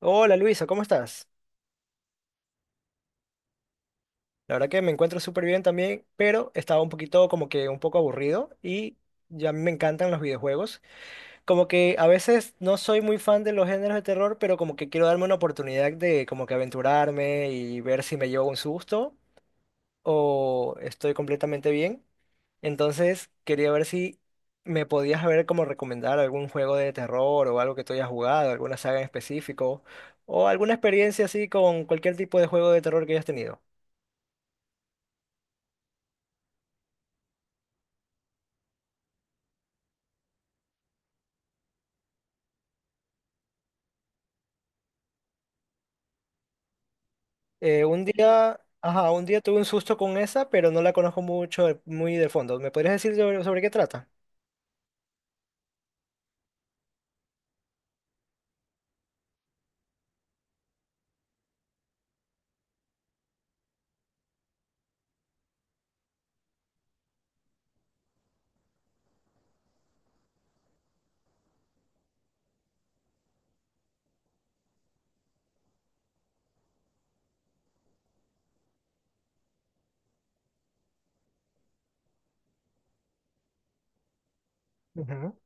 Hola Luisa, ¿cómo estás? La verdad que me encuentro súper bien también, pero estaba un poquito como que un poco aburrido y ya a mí me encantan los videojuegos. Como que a veces no soy muy fan de los géneros de terror, pero como que quiero darme una oportunidad de como que aventurarme y ver si me llevo un susto o estoy completamente bien. Entonces quería ver si me podías ver como recomendar algún juego de terror o algo que tú hayas jugado, alguna saga en específico o alguna experiencia así con cualquier tipo de juego de terror que hayas tenido. Un día, ajá, un día tuve un susto con esa, pero no la conozco mucho, de- muy de fondo. ¿Me podrías decir sobre qué trata? Ujú.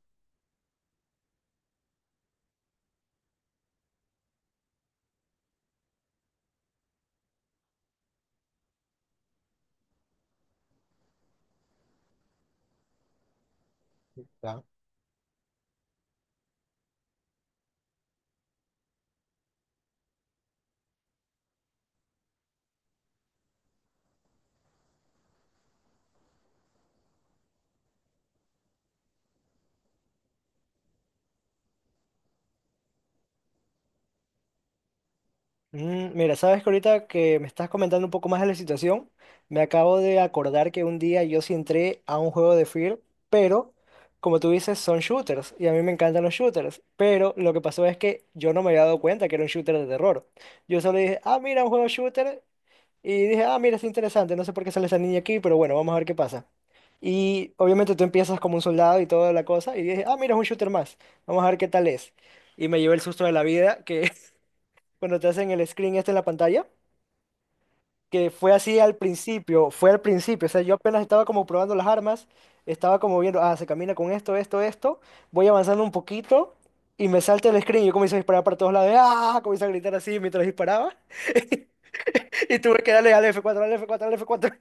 Mira, sabes que ahorita que me estás comentando un poco más de la situación, me acabo de acordar que un día yo sí entré a un juego de Fear, pero como tú dices, son shooters y a mí me encantan los shooters, pero lo que pasó es que yo no me había dado cuenta que era un shooter de terror. Yo solo dije, ah, mira, un juego shooter y dije, ah, mira, es interesante, no sé por qué sale esa niña aquí, pero bueno, vamos a ver qué pasa. Y obviamente tú empiezas como un soldado y toda la cosa, y dije, ah, mira, es un shooter más, vamos a ver qué tal es. Y me llevé el susto de la vida, que cuando te hacen el screen este en la pantalla, que fue así al principio, fue al principio, o sea, yo apenas estaba como probando las armas, estaba como viendo, ah, se camina con esto, esto, esto, voy avanzando un poquito y me salta el screen y yo comienzo a disparar para todos lados, ah, comienzo a gritar así mientras disparaba y tuve que darle al F4, al F4, al f cuatro.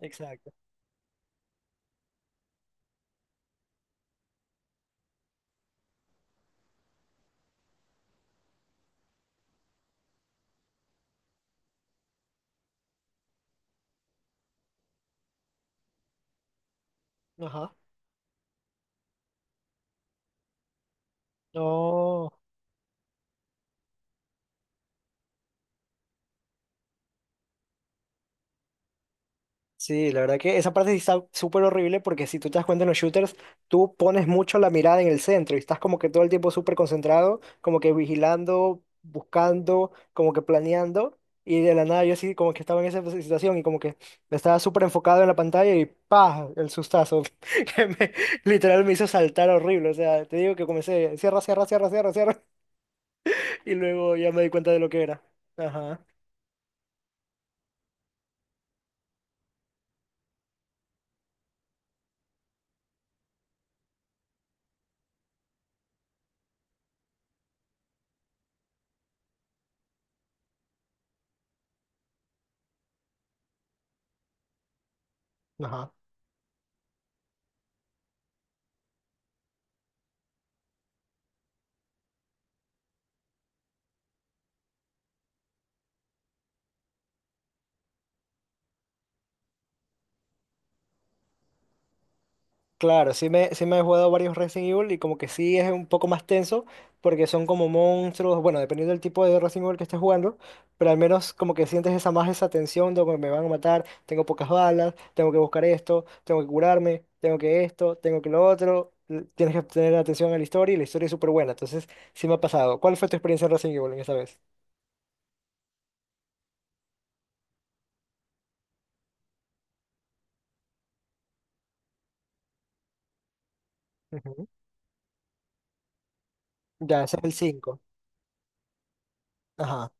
Exacto. Ajá. No. Sí, la verdad que esa parte sí está súper horrible porque si tú te das cuenta en los shooters, tú pones mucho la mirada en el centro y estás como que todo el tiempo súper concentrado, como que vigilando, buscando, como que planeando. Y de la nada yo sí como que estaba en esa situación y como que estaba súper enfocado en la pantalla y ¡pah! El sustazo que me, literal me hizo saltar horrible. O sea, te digo que comencé, cierra, cierra, cierra, cierra, cierra. Y luego ya me di cuenta de lo que era. Ajá. Ajá. Claro, sí me he jugado varios Resident Evil y como que sí es un poco más tenso porque son como monstruos, bueno, dependiendo del tipo de Resident Evil que estés jugando, pero al menos como que sientes esa más esa tensión de que me van a matar, tengo pocas balas, tengo que buscar esto, tengo que curarme, tengo que esto, tengo que lo otro, l- tienes que tener atención a la historia y la historia es súper buena, entonces sí me ha pasado. ¿Cuál fue tu experiencia en Resident Evil en esta vez? Ujú. Ya, ese es el cinco. Ajá.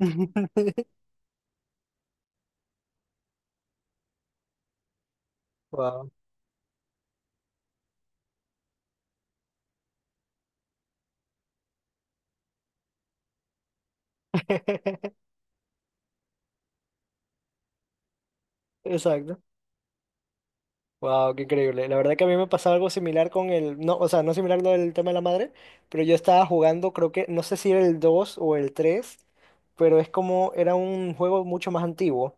Wow. Exacto. Wow, qué increíble. La verdad que a mí me pasaba algo similar con el, no, o sea, no similar lo del tema de la madre, pero yo estaba jugando, creo que, no sé si era el 2 o el 3, pero es como, era un juego mucho más antiguo.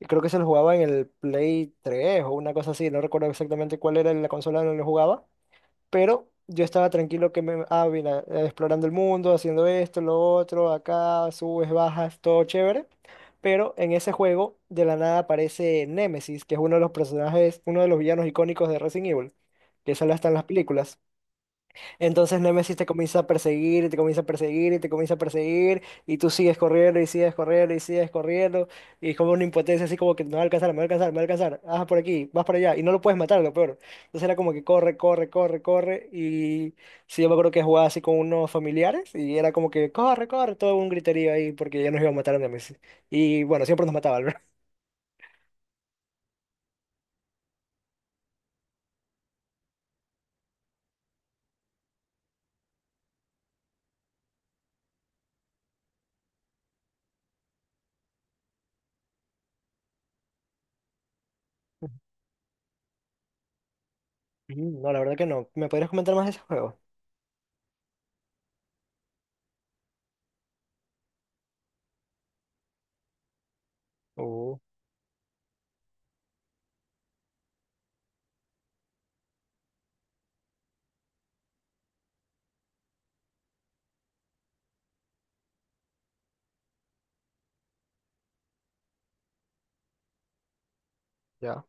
Y creo que se lo jugaba en el Play 3 o una cosa así, no recuerdo exactamente cuál era la consola donde lo jugaba, pero yo estaba tranquilo que me, ah, mira, explorando el mundo, haciendo esto, lo otro, acá, subes, bajas, todo chévere. Pero en ese juego, de la nada aparece Nemesis, que es uno de los personajes, uno de los villanos icónicos de Resident Evil, que sale hasta en las películas. Entonces Nemesis te comienza a perseguir y te comienza a perseguir y te comienza a perseguir y tú sigues corriendo y sigues corriendo y sigues corriendo y es como una impotencia así como que me va a alcanzar, me va a alcanzar, me va a alcanzar, ah, por aquí, vas para allá y no lo puedes matar, lo peor. Entonces era como que corre, corre, corre, corre y sí, yo me acuerdo que jugaba así con unos familiares y era como que corre, corre, todo un griterío ahí porque ya nos iba a matar a Nemesis. Y bueno, siempre nos mataba, ¿verdad? Ujú, no, la verdad que no. ¿Me podrías comentar más de ese juego? Oh, ya.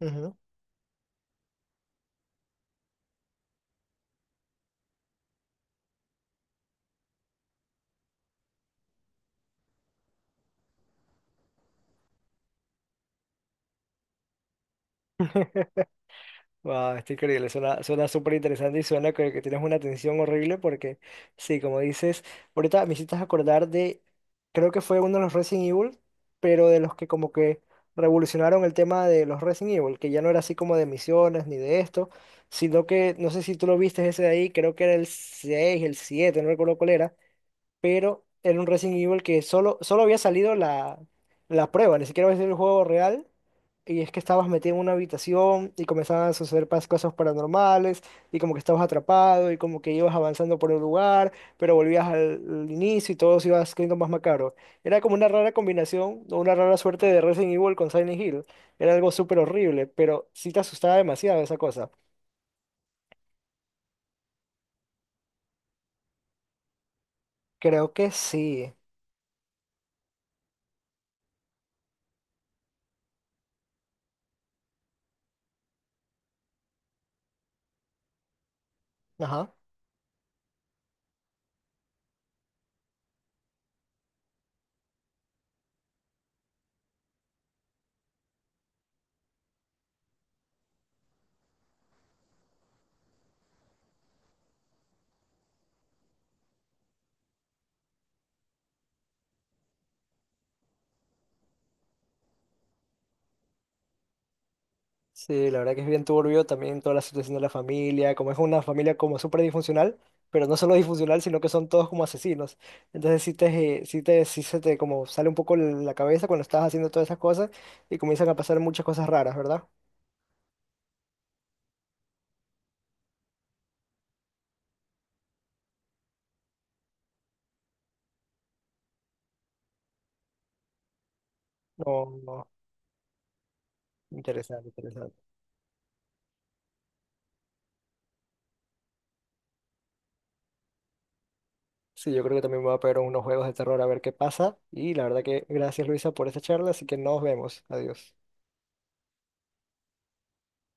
Ujú. Wow, está increíble, suena súper interesante y suena que tienes una tensión horrible porque, sí, como dices, ahorita me hiciste acordar de, creo que fue uno de los Resident Evil, pero de los que como que revolucionaron el tema de los Resident Evil, que ya no era así como de misiones ni de esto, sino que, no sé si tú lo viste ese de ahí, creo que era el 6 el 7 no recuerdo cuál era, pero era un Resident Evil que solo había salido la prueba, ni siquiera había sido el juego real. Y es que estabas metido en una habitación y comenzaban a suceder pas- cosas paranormales y como que estabas atrapado y como que ibas avanzando por el lugar, pero volvías al inicio y todo se iba haciendo más macabro. Era como una rara combinación o una rara suerte de Resident Evil con Silent Hill. Era algo súper horrible, pero sí te asustaba demasiado esa cosa. Creo que sí. Ajá. Sí, la verdad que es bien turbio también toda la situación de la familia, como es una familia como súper disfuncional, pero no solo disfuncional, sino que son todos como asesinos. Entonces sí se te como sale un poco la cabeza cuando estás haciendo todas esas cosas y comienzan a pasar muchas cosas raras, ¿verdad? No, no, interesante, interesante. Sí, yo creo que también me voy a pegar unos juegos de terror a ver qué pasa y la verdad que gracias Luisa por esta charla, así que nos vemos, adiós.